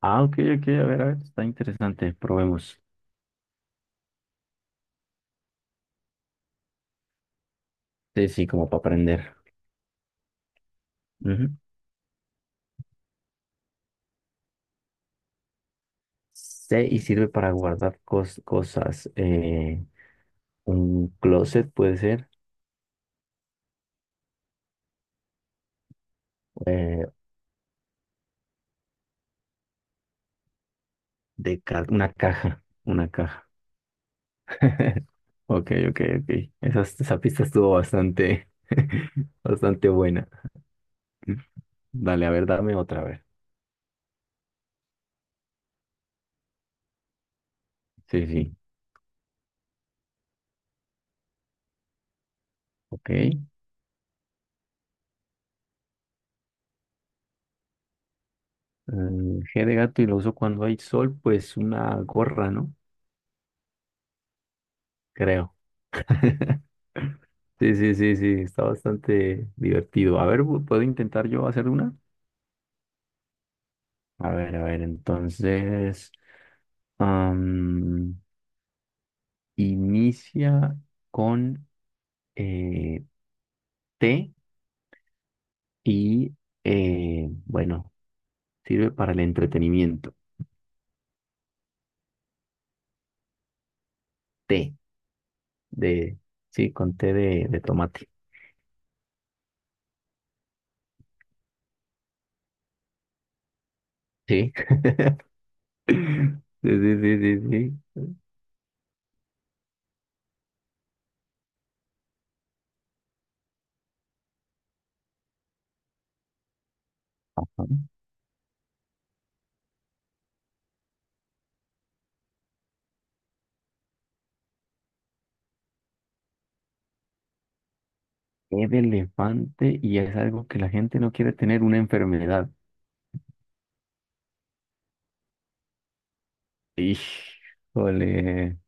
Ah, ok, ok, a ver, está interesante, probemos. Sí, sí, como para aprender. Ujú. Sí, y sirve para guardar cosas. Un closet puede ser, eh, una caja, una caja. Ok, ok, ok. Esa pista estuvo bastante, bastante buena. Dale, a ver, dame otra vez. Sí, sí, ok. Mm, G de gato y lo uso cuando hay sol, pues una gorra, ¿no? Creo. Sí, sí, sí, sí, está bastante divertido. A ver, ¿puedo intentar yo hacer una? A ver, entonces, am, inicia con eh, T y, bueno, sirve para el entretenimiento. T, de, sí, con T de tomate. Sí. Sí, sí, sí, sí, sí. Ajá. E de elefante y es algo que la gente no quiere tener, una enfermedad. Híjole.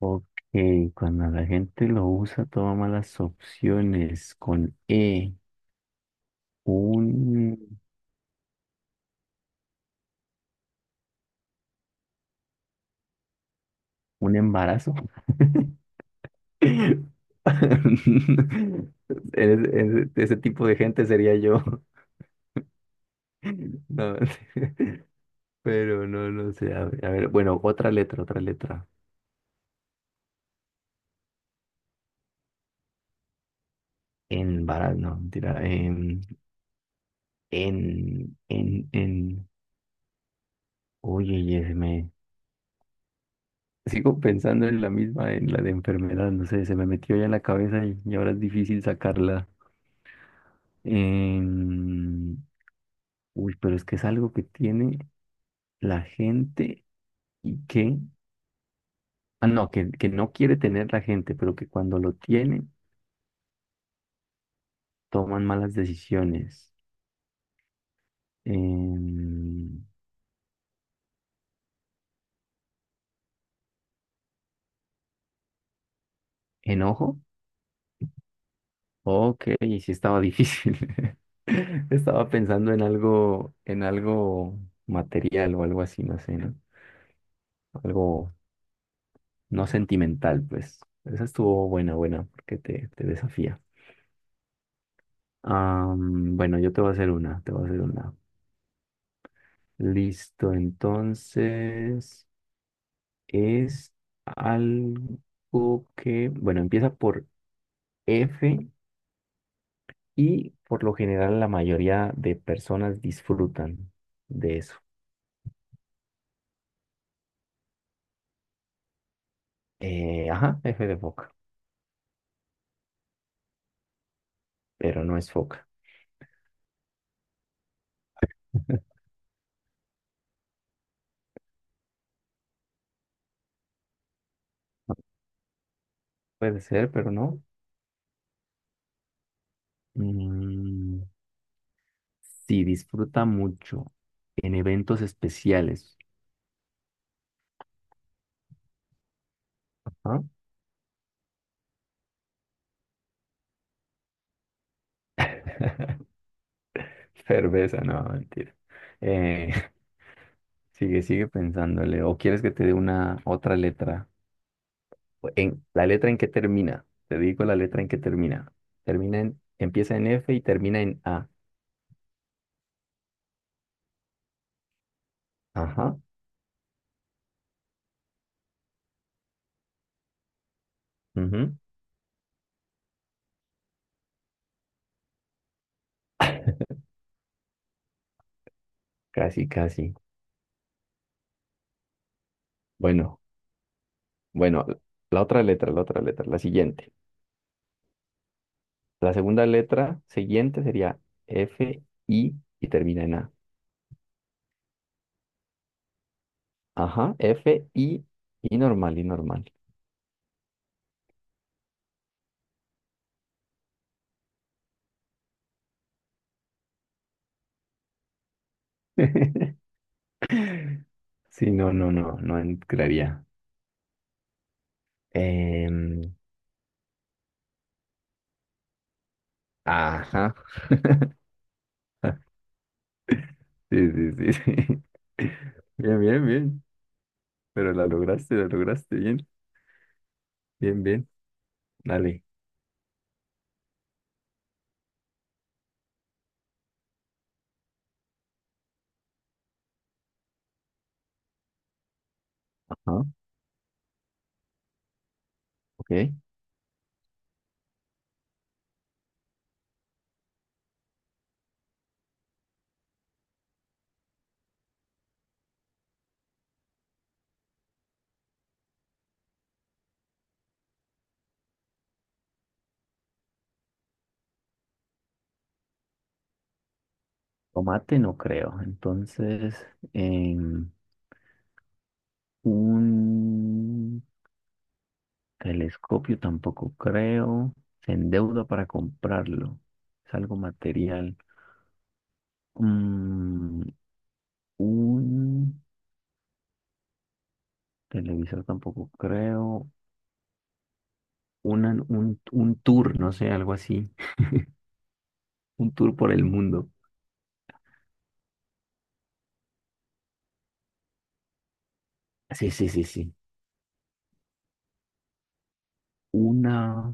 Ok, cuando la gente lo usa, toma malas opciones. Con E, un, un embarazo. Ese, ese tipo de gente sería yo. No, pero no, no sé. A ver, bueno, otra letra, otra letra. Embarazo, no, mentira. En. Oye, yes, sigo pensando en la misma, en la de enfermedad, no sé, se me metió ya en la cabeza y ahora es difícil sacarla. Em, Uy, pero es que es algo que tiene la gente y que, ah, no, que no quiere tener la gente, pero que cuando lo tiene, toman malas decisiones. Em, ¿Enojo? Ok, sí estaba difícil. Estaba pensando en algo material o algo así, no sé, ¿no? Algo no sentimental, pues. Esa estuvo buena, buena, porque te desafía. Bueno, yo te voy a hacer una, te voy a hacer una. Listo, entonces es algo que, bueno, empieza por F y por lo general la mayoría de personas disfrutan de eso. Ajá, F de foca, pero no es foca. Puede ser, pero no. Mm, sí, disfruta mucho en eventos especiales. ¿Ah? Cerveza, no, mentira. Eh, sigue, sigue pensándole. ¿O quieres que te dé una otra letra? En, ¿la letra en que termina? Te digo la letra en que termina. Termina en, empieza en F y termina en A. Ajá, ujú, casi, casi. Bueno, bueno, la otra letra, la otra letra, la siguiente. La segunda letra siguiente sería F, I y termina en A. Ajá, F, I y normal, y normal. Sí, no, no, no, no entraría. Em, ajá. Sí, sí, sí, sí. Bien, bien, bien. Pero la lograste bien. Bien, bien. Dale. Ajá, ok. Tomate no creo. Entonces, en un telescopio tampoco creo. Se endeuda para comprarlo. Es algo material. Mm, un televisor tampoco creo. Un tour, no sé, algo así, un tour por el mundo. Sí, sí, sí, sí. Una,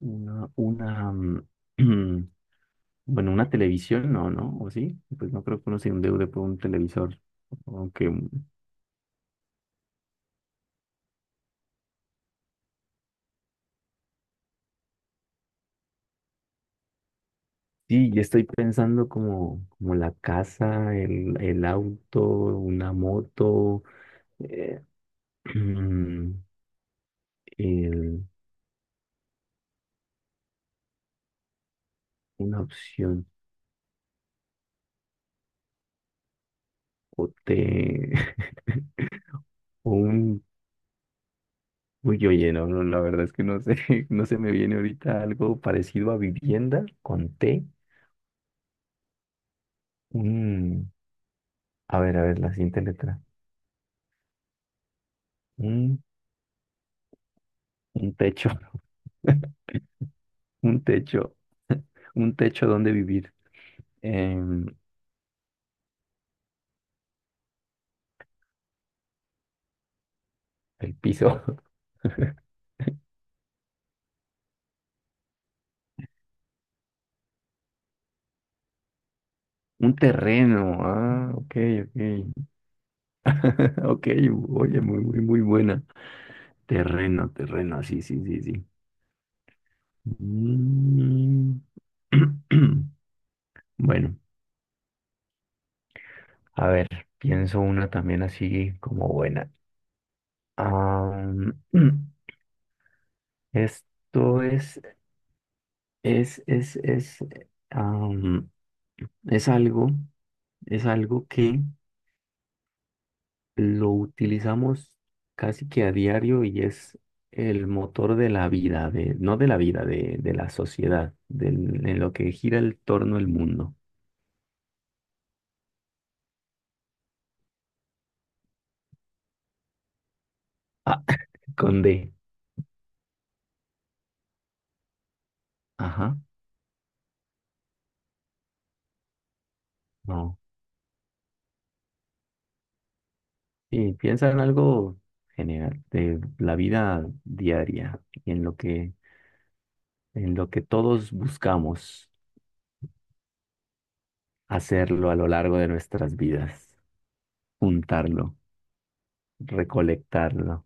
una, mm, bueno, una televisión, no, ¿no? ¿O sí? Pues no creo que uno se endeude por un televisor. Aunque mm, sí, yo estoy pensando como, como la casa, el auto, una moto, eh, el- una opción, o te o un uy, oye, no, no, la verdad es que no sé, no se me viene ahorita algo parecido a vivienda con T. Un, a ver, la siguiente letra. Un, un techo, un techo, un techo donde vivir. Em, el piso. Un terreno. Ah, ok, ok. Ok, oye, muy, muy, muy buena. Terreno, terreno, sí, sí, sí, sí. Mm. Bueno, a ver, pienso una también así como buena. Am, esto es, am, es algo, es algo que lo utilizamos casi que a diario y es el motor de la vida, de, no de la vida, de la sociedad, del- en lo que gira el torno el mundo. Ah, con D. Ajá, no. Y piensa en algo general, de la vida diaria y en lo que todos buscamos hacerlo a lo largo de nuestras vidas, juntarlo, recolectarlo.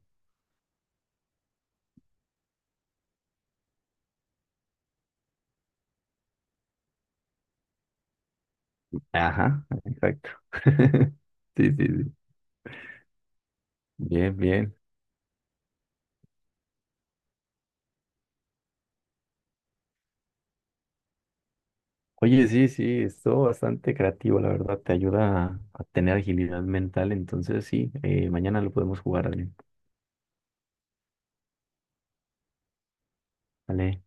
Ajá, exacto. Sí, sí, sí. Bien, bien. Oye, sí, sí, estuvo bastante creativo, la verdad. Te ayuda a tener agilidad mental. Entonces, sí, mañana lo podemos jugar, Adrián. Vale.